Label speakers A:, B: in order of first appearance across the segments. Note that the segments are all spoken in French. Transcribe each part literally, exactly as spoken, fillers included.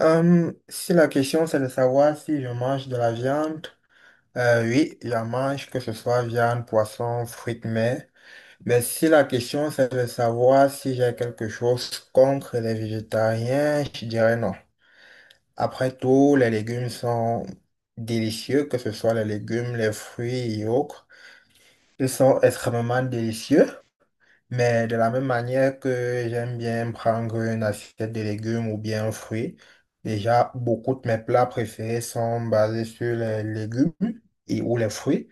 A: Euh, si la question c'est de savoir si je mange de la viande, euh, oui, je mange que ce soit viande, poisson, fruits de mer. Mais si la question c'est de savoir si j'ai quelque chose contre les végétariens, je dirais non. Après tout, les légumes sont délicieux, que ce soit les légumes, les fruits et autres. Ils sont extrêmement délicieux. Mais de la même manière que j'aime bien prendre une assiette de légumes ou bien un fruit, déjà beaucoup de mes plats préférés sont basés sur les légumes et ou les fruits.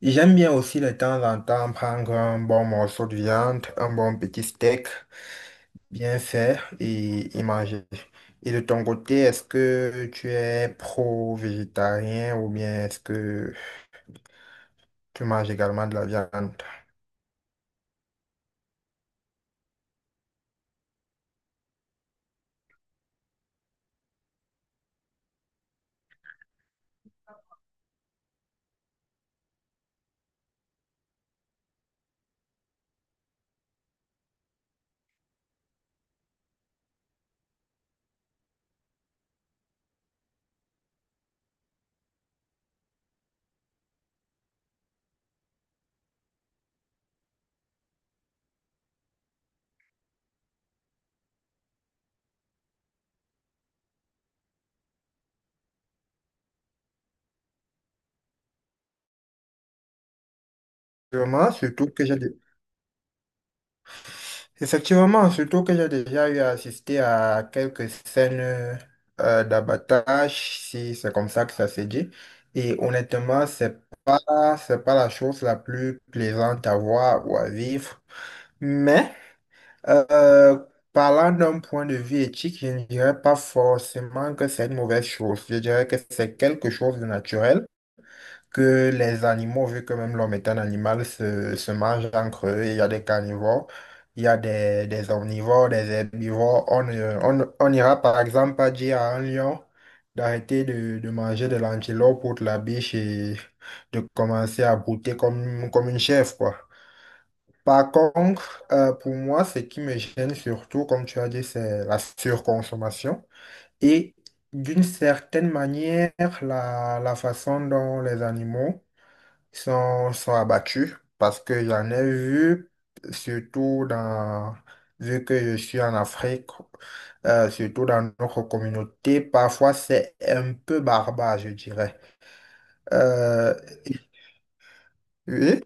A: J'aime bien aussi de temps en temps prendre un bon morceau de viande, un bon petit steak bien fait et, et manger. Et de ton côté, est-ce que tu es pro-végétarien ou bien est-ce que tu manges également de la viande? Vraiment, surtout que j'ai Effectivement, surtout que j'ai déjà eu à assister à quelques scènes euh, d'abattage, si c'est comme ça que ça se dit. Et honnêtement, c'est pas, c'est pas la chose la plus plaisante à voir ou à vivre. Mais euh, parlant d'un point de vue éthique, je ne dirais pas forcément que c'est une mauvaise chose. Je dirais que c'est quelque chose de naturel que les animaux, vu que même l'homme est un animal, se, se mangent entre eux. Il y a des carnivores, il y a des, des omnivores, des herbivores. On euh, on, on ira par exemple pas dire à un lion d'arrêter de, de manger de l'antilope ou de la biche et de commencer à brouter comme, comme une chèvre, quoi. Par contre, euh, pour moi, ce qui me gêne surtout, comme tu as dit, c'est la surconsommation. Et d'une certaine manière, la, la façon dont les animaux sont, sont abattus parce que j'en ai vu, surtout dans, vu que je suis en Afrique, euh, surtout dans notre communauté, parfois c'est un peu barbare, je dirais. Euh, oui,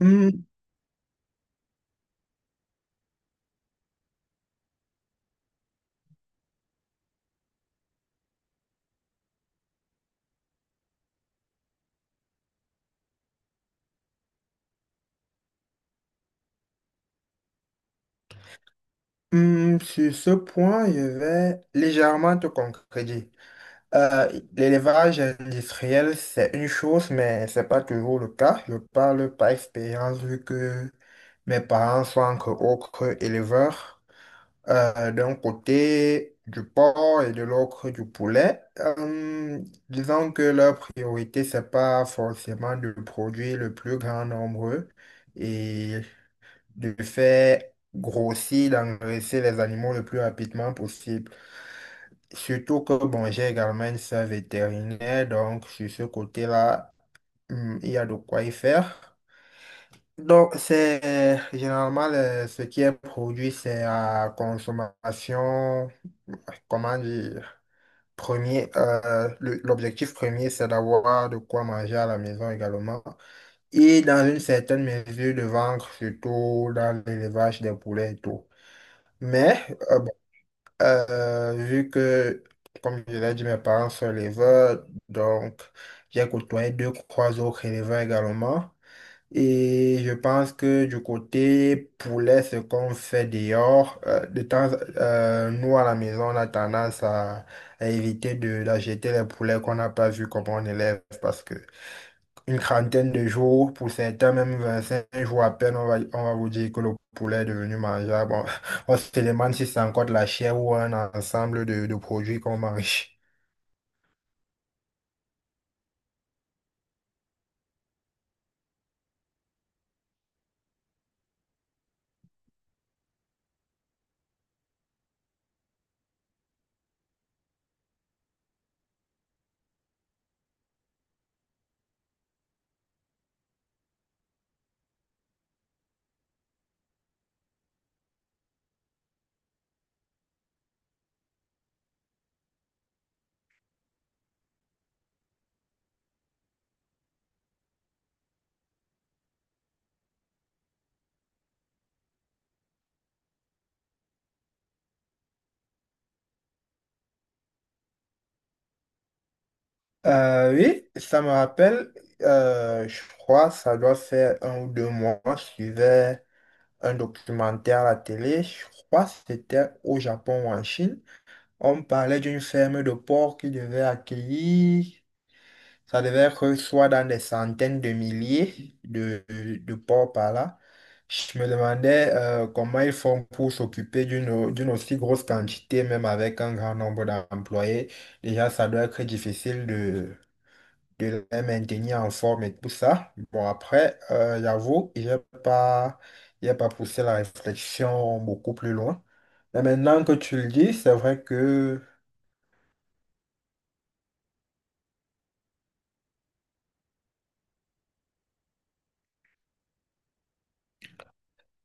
A: Hmm, hmm, Sur ce point, je vais légèrement te concrétiser. Euh, L'élevage industriel, c'est une chose, mais c'est pas toujours le cas. Je parle par expérience vu que mes parents sont encore autres éleveurs. Euh, d'un côté du porc et de l'autre du poulet. Euh, disons que leur priorité, c'est pas forcément de produire le plus grand nombre et de faire grossir, d'engraisser les animaux le plus rapidement possible. Surtout que, bon, j'ai également une sœur vétérinaire, donc sur ce côté-là, hum, il y a de quoi y faire. Donc, c'est généralement le- ce qui est produit, c'est à consommation comment dire, premier, euh, le- l'objectif premier, c'est d'avoir de quoi manger à la maison également. Et dans une certaine mesure, de vendre surtout dans l'élevage des poulets et tout. Mais, euh, bon, euh, vu que, comme je l'ai dit, mes parents sont éleveurs, donc j'ai côtoyé deux, trois autres éleveurs également. Et je pense que du côté poulet, ce qu'on fait dehors, euh, de temps, euh, nous à la maison, on a tendance à, à éviter de, d'acheter les poulets qu'on n'a pas vu comment on élève parce que une trentaine de jours, pour certains, même vingt cinq jours à peine, on va, on va vous dire que le poulet est devenu mangeable. Bon, on se demande si c'est encore de la chair ou un ensemble de, de produits qu'on mange. Euh, oui, ça me rappelle, euh, je crois, ça doit faire un ou deux mois, je suivais un documentaire à la télé, je crois que c'était au Japon ou en Chine. On parlait d'une ferme de porcs qui devait accueillir, ça devait être soit dans des centaines de milliers de, de porcs par là. Je me demandais euh, comment ils font pour s'occuper d'une d'une aussi grosse quantité, même avec un grand nombre d'employés. Déjà, ça doit être difficile de de les maintenir en forme et tout ça. Bon, après, euh, j'avoue, j'ai pas, j'ai pas poussé la réflexion beaucoup plus loin. Mais maintenant que tu le dis, c'est vrai que,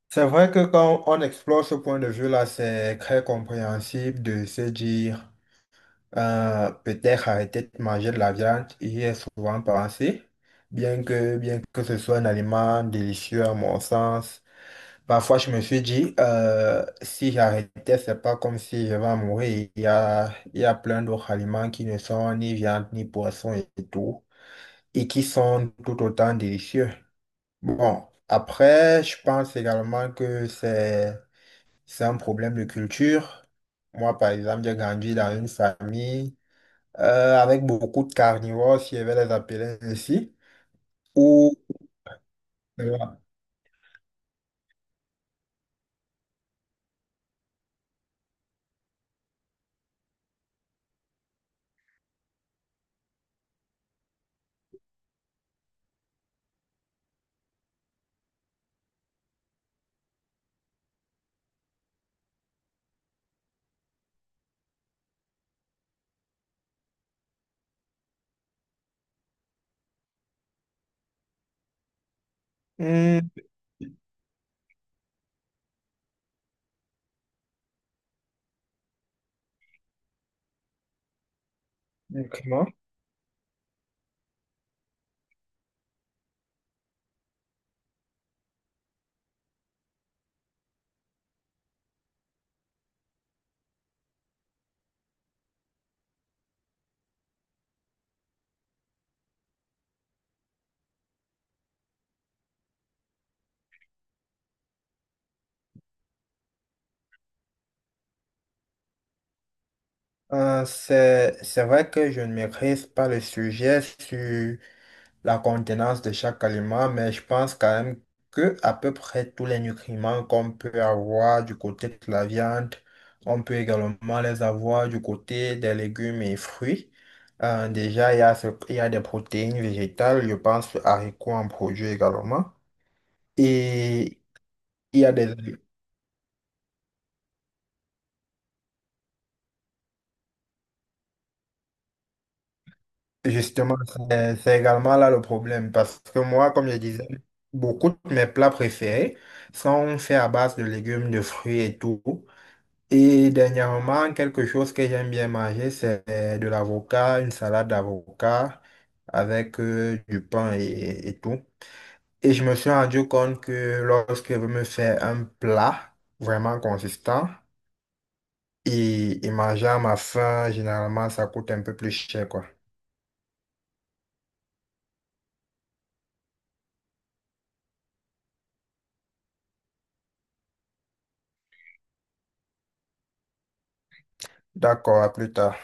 A: c'est vrai que quand on explore ce point de vue-là, c'est très compréhensible de se dire, euh, peut-être arrêter de manger de la viande, y est souvent pensé. Bien que, bien que ce soit un aliment délicieux à mon sens, parfois, je me suis dit, euh, si j'arrêtais, c'est pas comme si je vais mourir. Il y a, il y a plein d'autres aliments qui ne sont ni viande, ni poisson et tout, et qui sont tout autant délicieux. Bon, après, je pense également que c'est, c'est un problème de culture. Moi, par exemple, j'ai grandi dans une famille euh, avec beaucoup de carnivores, si je vais les appeler ainsi, où... Voilà. Hmm, ok. Euh, c'est, c'est vrai que je ne maîtrise pas le sujet sur la contenance de chaque aliment, mais je pense quand même que à peu près tous les nutriments qu'on peut avoir du côté de la viande, on peut également les avoir du côté des légumes et fruits. Euh, déjà, il y a, ce- il y a des protéines végétales, je pense aux haricots en produit également. Et il y a des justement, c'est c'est également là le problème. Parce que moi, comme je disais, beaucoup de mes plats préférés sont faits à base de légumes, de fruits et tout. Et dernièrement, quelque chose que j'aime bien manger, c'est de l'avocat, une salade d'avocat avec euh, du pain et, et tout. Et je me suis rendu compte que lorsque je me fais un plat vraiment consistant et, et manger à ma faim, généralement, ça coûte un peu plus cher, quoi. D'accord, à plus tard.